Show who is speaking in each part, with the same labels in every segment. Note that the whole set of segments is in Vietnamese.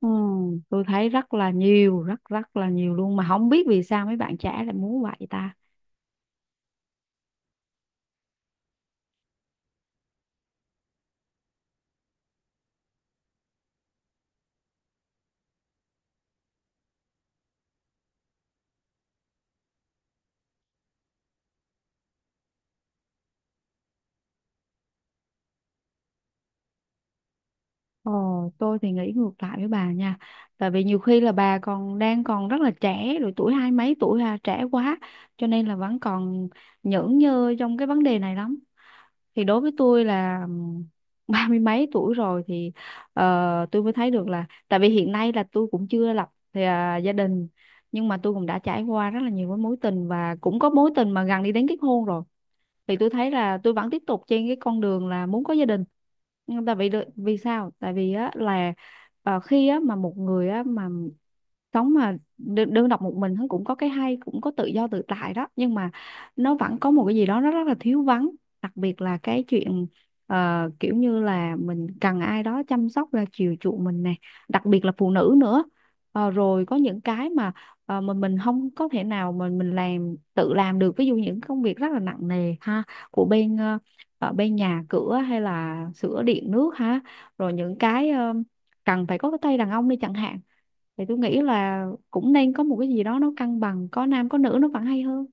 Speaker 1: Ừ, tôi thấy rất là nhiều, rất rất là nhiều luôn mà không biết vì sao mấy bạn trẻ lại muốn vậy ta. Ờ, tôi thì nghĩ ngược lại với bà nha. Tại vì nhiều khi là bà còn đang còn rất là trẻ, rồi tuổi hai mấy tuổi là trẻ quá, cho nên là vẫn còn nhởn nhơ trong cái vấn đề này lắm. Thì đối với tôi là ba mươi mấy tuổi rồi thì tôi mới thấy được là tại vì hiện nay là tôi cũng chưa lập gia đình nhưng mà tôi cũng đã trải qua rất là nhiều cái mối tình và cũng có mối tình mà gần đi đến kết hôn rồi thì tôi thấy là tôi vẫn tiếp tục trên cái con đường là muốn có gia đình nhưng tại vì vì sao tại vì á là khi á mà một người á mà sống mà đơn độc một mình thôi cũng có cái hay cũng có tự do tự tại đó nhưng mà nó vẫn có một cái gì đó nó rất là thiếu vắng, đặc biệt là cái chuyện kiểu như là mình cần ai đó chăm sóc là chiều chuộng mình nè, đặc biệt là phụ nữ nữa. Ờ, rồi có những cái mà mình không có thể nào mà mình tự làm được, ví dụ những công việc rất là nặng nề ha, của bên ờ, ở bên nhà cửa hay là sửa điện nước ha, rồi những cái cần phải có cái tay đàn ông đi chẳng hạn thì tôi nghĩ là cũng nên có một cái gì đó nó cân bằng, có nam có nữ nó vẫn hay hơn.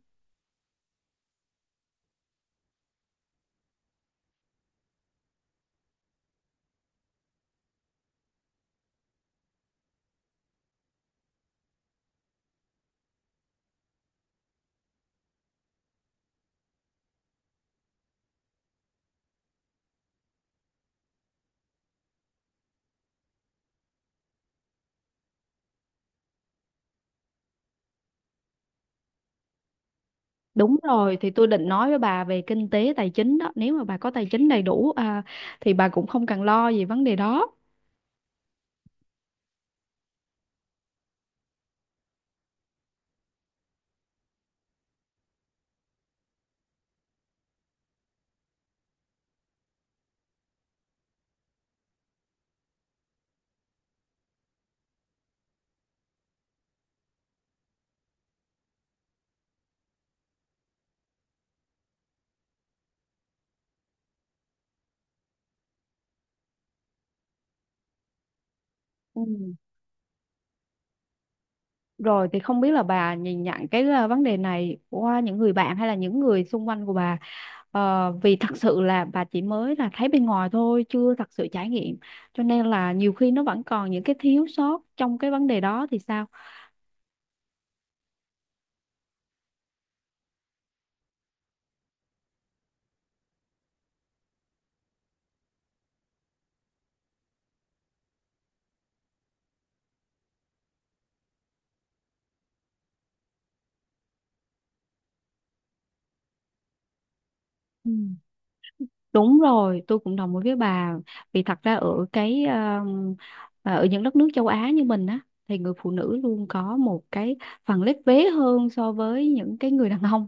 Speaker 1: Đúng rồi, thì tôi định nói với bà về kinh tế tài chính đó, nếu mà bà có tài chính đầy đủ thì bà cũng không cần lo về vấn đề đó. Ừ. Rồi thì không biết là bà nhìn nhận cái vấn đề này qua những người bạn hay là những người xung quanh của bà. Ờ, vì thật sự là bà chỉ mới là thấy bên ngoài thôi, chưa thật sự trải nghiệm. Cho nên là nhiều khi nó vẫn còn những cái thiếu sót trong cái vấn đề đó thì sao? Ừ. Đúng rồi, tôi cũng đồng ý với bà. Vì thật ra ở những đất nước châu Á như mình á thì người phụ nữ luôn có một cái phần lép vế hơn so với những cái người đàn ông.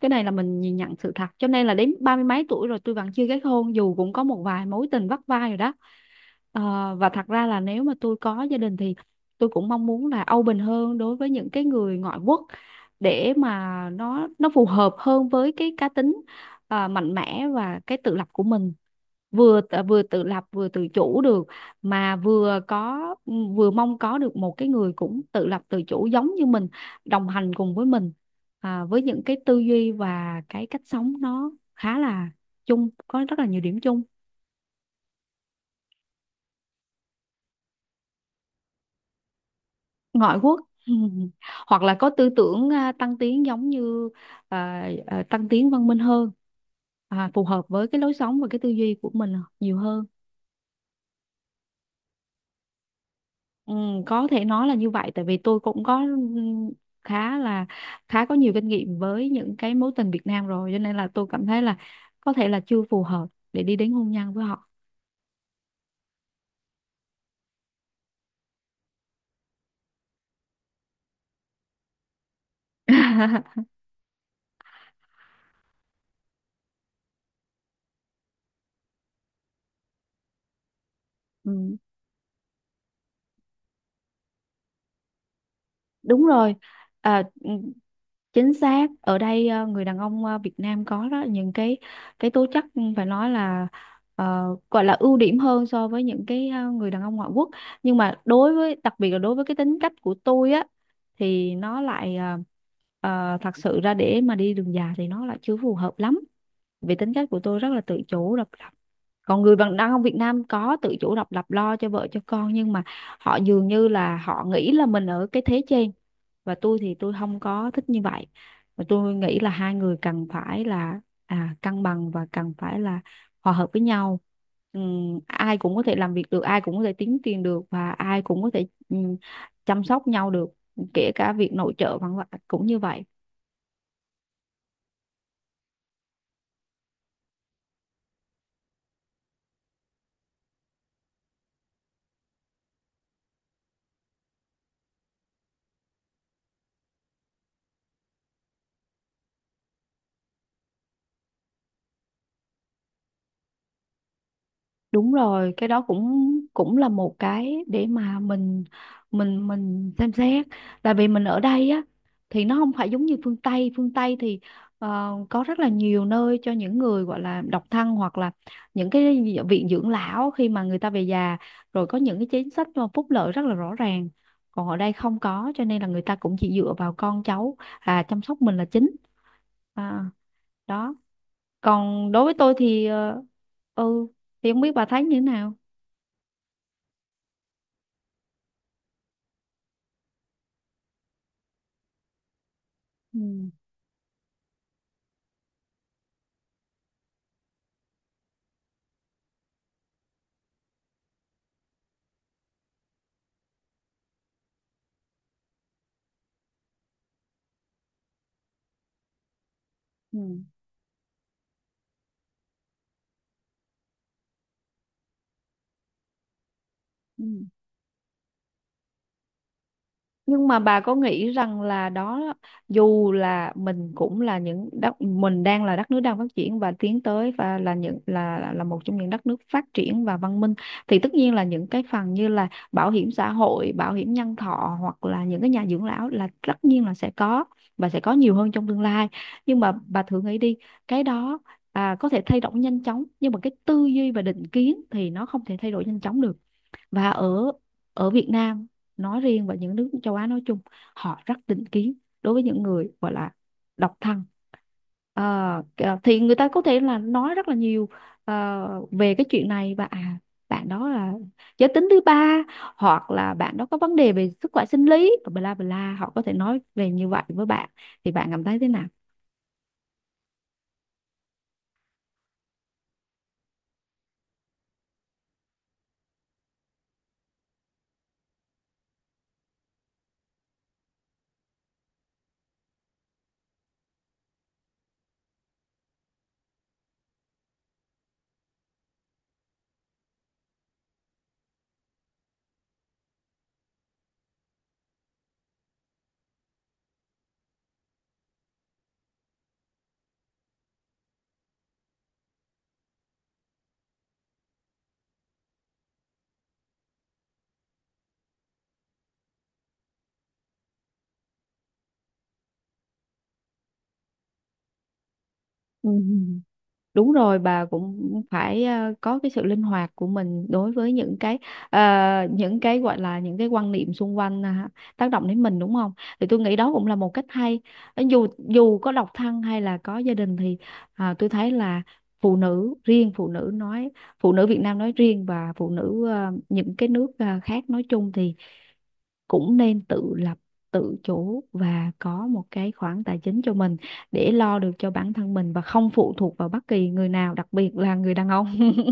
Speaker 1: Cái này là mình nhìn nhận sự thật. Cho nên là đến ba mươi mấy tuổi rồi tôi vẫn chưa kết hôn dù cũng có một vài mối tình vắt vai rồi đó. Ờ, và thật ra là nếu mà tôi có gia đình thì tôi cũng mong muốn là open hơn đối với những cái người ngoại quốc, để mà nó phù hợp hơn với cái cá tính mạnh mẽ và cái tự lập của mình, vừa tự lập vừa tự chủ được, mà vừa có, vừa mong có được một cái người cũng tự lập tự chủ giống như mình, đồng hành cùng với mình với những cái tư duy và cái cách sống nó khá là chung có rất là nhiều điểm chung. Ngoại quốc. Hoặc là có tư tưởng tăng tiến giống như tăng tiến văn minh hơn, phù hợp với cái lối sống và cái tư duy của mình nhiều hơn. Ừ, có thể nói là như vậy tại vì tôi cũng có khá là khá có nhiều kinh nghiệm với những cái mối tình Việt Nam rồi, cho nên là tôi cảm thấy là có thể là chưa phù hợp để đi đến hôn nhân với họ. Ừ, đúng rồi, ừ, chính xác, ở đây người đàn ông Việt Nam có đó, những cái tố chất, phải nói là gọi là ưu điểm hơn so với những cái người đàn ông ngoại quốc, nhưng mà đối với, đặc biệt là đối với cái tính cách của tôi á, thì nó lại thật sự ra để mà đi đường dài thì nó lại chưa phù hợp lắm, vì tính cách của tôi rất là tự chủ độc lập, còn người bạn đàn ông Việt Nam có tự chủ độc lập lo cho vợ cho con nhưng mà họ dường như là họ nghĩ là mình ở cái thế trên, và tôi thì tôi không có thích như vậy. Và tôi nghĩ là hai người cần phải là cân bằng và cần phải là hòa hợp với nhau. Ai cũng có thể làm việc được, ai cũng có thể kiếm tiền được, và ai cũng có thể chăm sóc nhau được, kể cả việc nội trợ vân vân cũng như vậy. Đúng rồi, cái đó cũng cũng là một cái để mà mình xem xét. Tại vì mình ở đây á thì nó không phải giống như phương Tây thì có rất là nhiều nơi cho những người gọi là độc thân, hoặc là những cái viện dưỡng lão khi mà người ta về già, rồi có những cái chính sách mà phúc lợi rất là rõ ràng. Còn ở đây không có, cho nên là người ta cũng chỉ dựa vào con cháu chăm sóc mình là chính. À, đó. Còn đối với tôi thì ờ, ừ thì không biết bà thấy như thế nào? Ừ, ừ, ừ. Nhưng mà bà có nghĩ rằng là đó, dù là mình cũng là những đất, mình đang là đất nước đang phát triển và tiến tới, và là những là một trong những đất nước phát triển và văn minh, thì tất nhiên là những cái phần như là bảo hiểm xã hội, bảo hiểm nhân thọ hoặc là những cái nhà dưỡng lão là tất nhiên là sẽ có, và sẽ có nhiều hơn trong tương lai. Nhưng mà bà thử nghĩ đi, cái đó có thể thay đổi nhanh chóng nhưng mà cái tư duy và định kiến thì nó không thể thay đổi nhanh chóng được, và ở ở Việt Nam nói riêng và những nước châu Á nói chung, họ rất định kiến đối với những người gọi là độc thân. Ờ, kìa, thì người ta có thể là nói rất là nhiều về cái chuyện này, và bạn đó là giới tính thứ ba hoặc là bạn đó có vấn đề về sức khỏe sinh lý bla bla, họ có thể nói về như vậy với bạn thì bạn cảm thấy thế nào? Ừ. Đúng rồi, bà cũng phải có cái sự linh hoạt của mình đối với ờ, những cái gọi là những cái quan niệm xung quanh tác động đến mình đúng không? Thì tôi nghĩ đó cũng là một cách hay. Ờ, Dù dù có độc thân hay là có gia đình thì tôi thấy là phụ nữ riêng phụ nữ nói phụ nữ Việt Nam nói riêng và phụ nữ những cái nước khác nói chung thì cũng nên tự lập, tự chủ và có một cái khoản tài chính cho mình để lo được cho bản thân mình và không phụ thuộc vào bất kỳ người nào, đặc biệt là người đàn ông.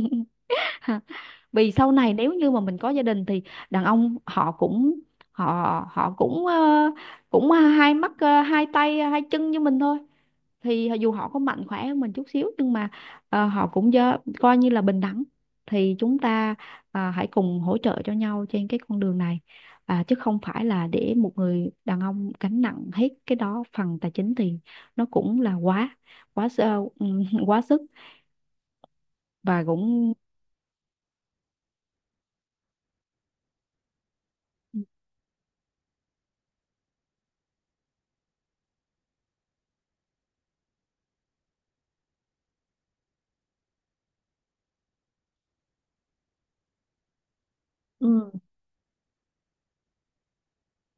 Speaker 1: Vì sau này nếu như mà mình có gia đình thì đàn ông họ cũng hai mắt, hai tay hai chân như mình thôi, thì dù họ có mạnh khỏe hơn mình chút xíu nhưng mà họ cũng coi như là bình đẳng, thì chúng ta hãy cùng hỗ trợ cho nhau trên cái con đường này, chứ không phải là để một người đàn ông gánh nặng hết cái đó phần tài chính, thì nó cũng là quá quá sơ- quá sức và cũng. Ừ.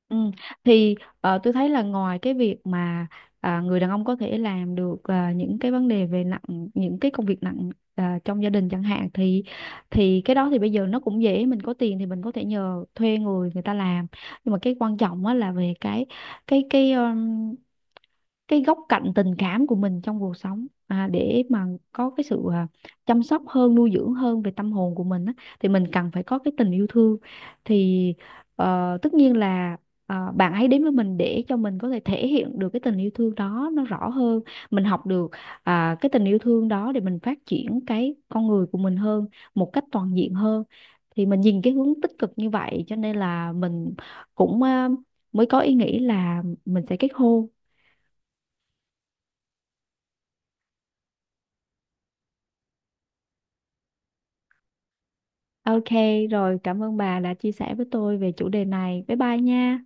Speaker 1: Ừ. Thì tôi thấy là ngoài cái việc mà người đàn ông có thể làm được những cái công việc nặng trong gia đình chẳng hạn, thì cái đó thì bây giờ nó cũng dễ, mình có tiền thì mình có thể nhờ thuê người người ta làm, nhưng mà cái quan trọng á là về cái cái cái góc cạnh tình cảm của mình trong cuộc sống, để mà có cái sự chăm sóc hơn, nuôi dưỡng hơn về tâm hồn của mình á, thì mình cần phải có cái tình yêu thương, thì tất nhiên là bạn ấy đến với mình để cho mình có thể thể hiện được cái tình yêu thương đó nó rõ hơn, mình học được cái tình yêu thương đó để mình phát triển cái con người của mình hơn, một cách toàn diện hơn, thì mình nhìn cái hướng tích cực như vậy, cho nên là mình cũng mới có ý nghĩ là mình sẽ kết hôn. Ok, rồi cảm ơn bà đã chia sẻ với tôi về chủ đề này. Bye bye nha.